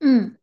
嗯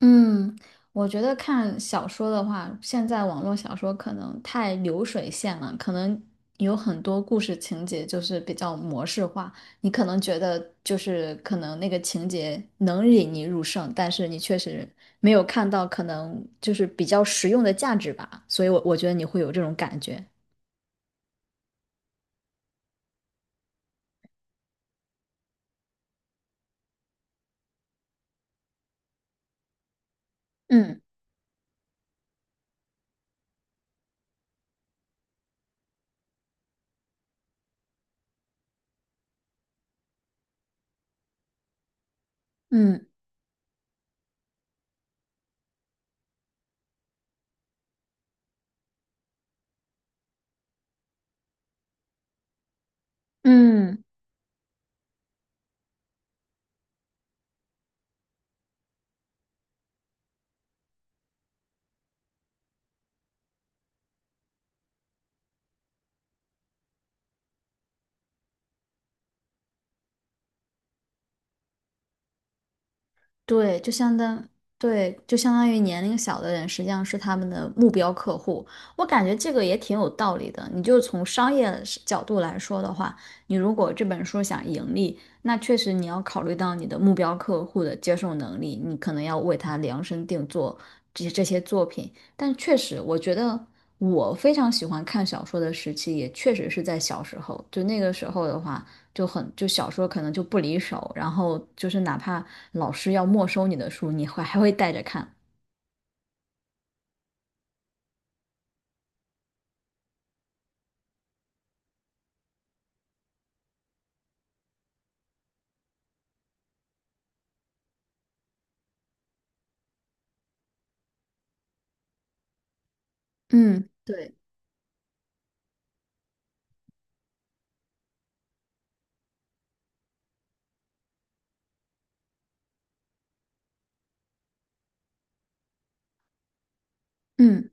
嗯，我觉得看小说的话，现在网络小说可能太流水线了，可能有很多故事情节就是比较模式化。你可能觉得就是可能那个情节能引你入胜，但是你确实没有看到可能就是比较实用的价值吧，所以我觉得你会有这种感觉。嗯嗯嗯。对，就相当，对，就相当于年龄小的人实际上是他们的目标客户。我感觉这个也挺有道理的。你就从商业是角度来说的话，你如果这本书想盈利，那确实你要考虑到你的目标客户的接受能力，你可能要为他量身定做这些作品。但确实，我觉得我非常喜欢看小说的时期，也确实是在小时候。就那个时候的话。就小说可能就不离手，然后就是哪怕老师要没收你的书，你会还会带着看。嗯对。嗯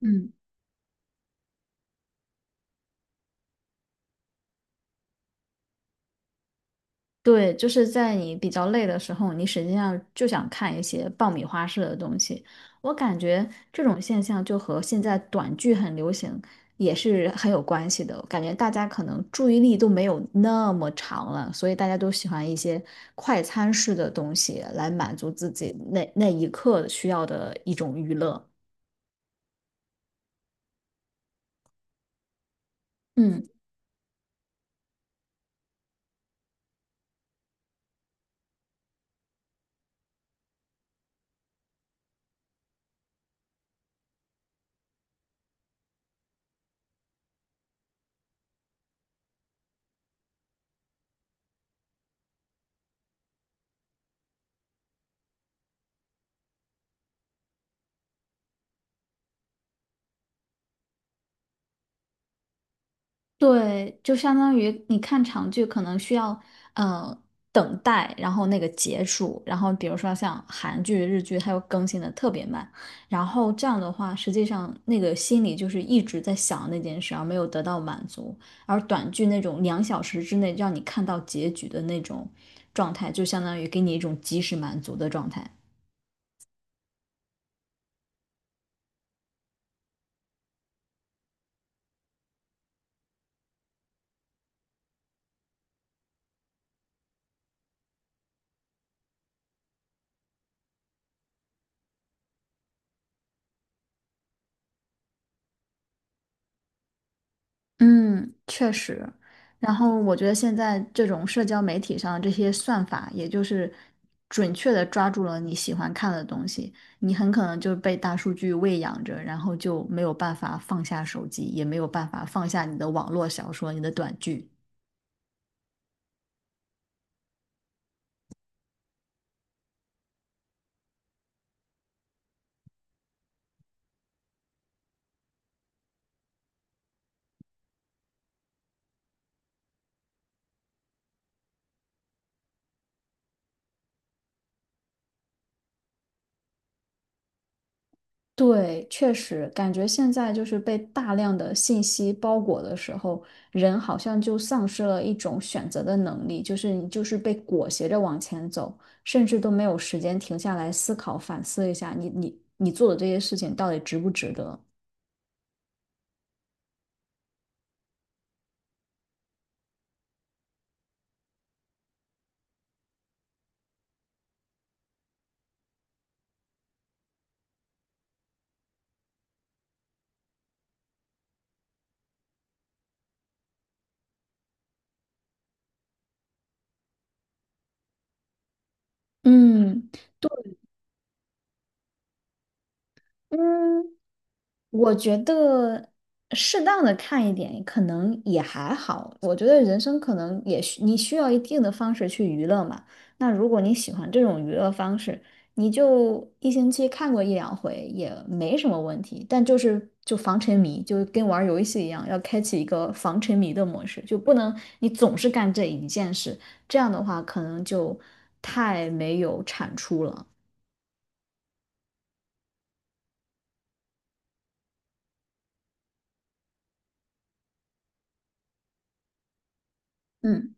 嗯对，就是在你比较累的时候，你实际上就想看一些爆米花式的东西。我感觉这种现象就和现在短剧很流行也是很有关系的。感觉大家可能注意力都没有那么长了，所以大家都喜欢一些快餐式的东西来满足自己那一刻需要的一种娱乐。嗯，对，就相当于你看长剧可能需要呃等待，然后那个结束，然后比如说像韩剧、日剧，它又更新的特别慢，然后这样的话，实际上那个心里就是一直在想那件事，而没有得到满足。而短剧那种2小时之内让你看到结局的那种状态，就相当于给你一种及时满足的状态。嗯，确实。然后我觉得现在这种社交媒体上这些算法，也就是准确的抓住了你喜欢看的东西，你很可能就被大数据喂养着，然后就没有办法放下手机，也没有办法放下你的网络小说、你的短剧。对，确实感觉现在就是被大量的信息包裹的时候，人好像就丧失了一种选择的能力，就是你就是被裹挟着往前走，甚至都没有时间停下来思考、反思一下你做的这些事情到底值不值得。嗯，对。嗯，我觉得适当的看一点，可能也还好。我觉得人生可能也你需要一定的方式去娱乐嘛。那如果你喜欢这种娱乐方式，你就一星期看过一两回也没什么问题。但就是就防沉迷，就跟玩儿游戏一样，要开启一个防沉迷的模式，就不能你总是干这一件事，这样的话可能就太没有产出了。嗯，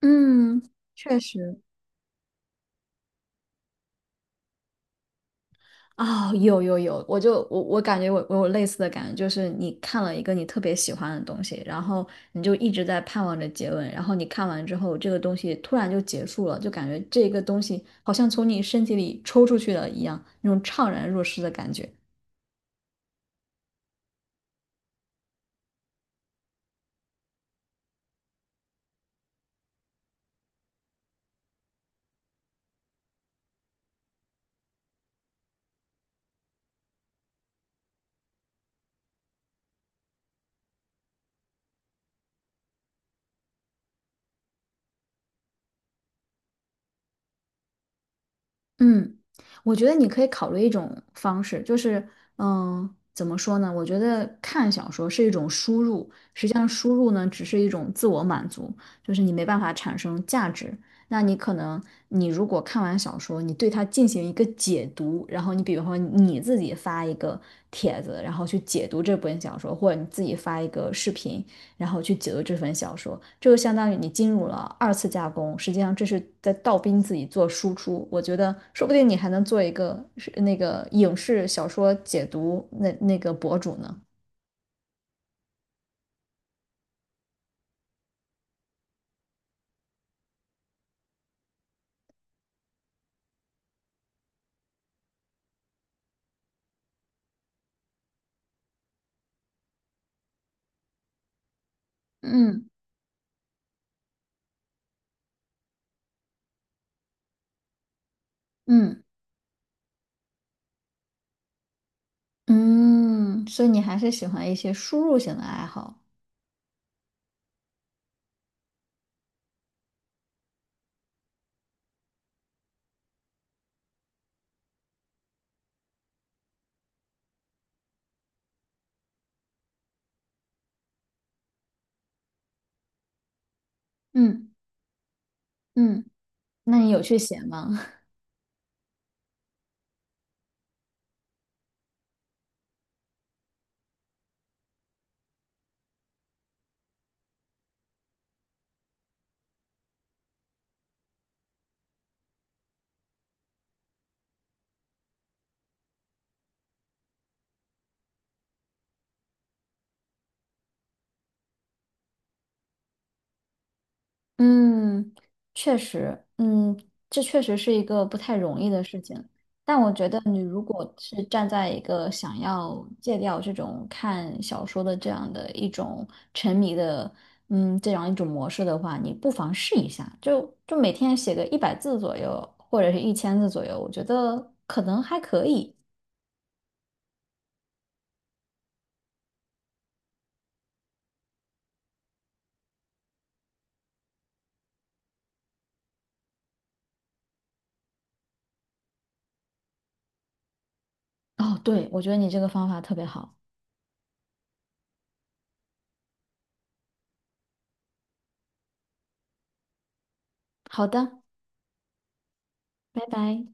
嗯。确实。哦，有有有，我感觉我有类似的感觉，就是你看了一个你特别喜欢的东西，然后你就一直在盼望着结尾，然后你看完之后，这个东西突然就结束了，就感觉这个东西好像从你身体里抽出去了一样，那种怅然若失的感觉。嗯，我觉得你可以考虑一种方式，就是，嗯，怎么说呢？我觉得看小说是一种输入，实际上输入呢，只是一种自我满足，就是你没办法产生价值。那你可能，你如果看完小说，你对它进行一个解读，然后你比如说你自己发一个帖子，然后去解读这本小说，或者你自己发一个视频，然后去解读这本小说，这就相当于你进入了二次加工，实际上这是在倒逼自己做输出。我觉得说不定你还能做一个是那个影视小说解读那个博主呢。嗯嗯嗯，所以你还是喜欢一些输入型的爱好。嗯嗯，那你有去写吗？嗯，确实，嗯，这确实是一个不太容易的事情。但我觉得，你如果是站在一个想要戒掉这种看小说的这样的一种沉迷的，嗯，这样一种模式的话，你不妨试一下，就每天写个100字左右，或者是1000字左右，我觉得可能还可以。哦，对，我觉得你这个方法特别好。好的，拜拜。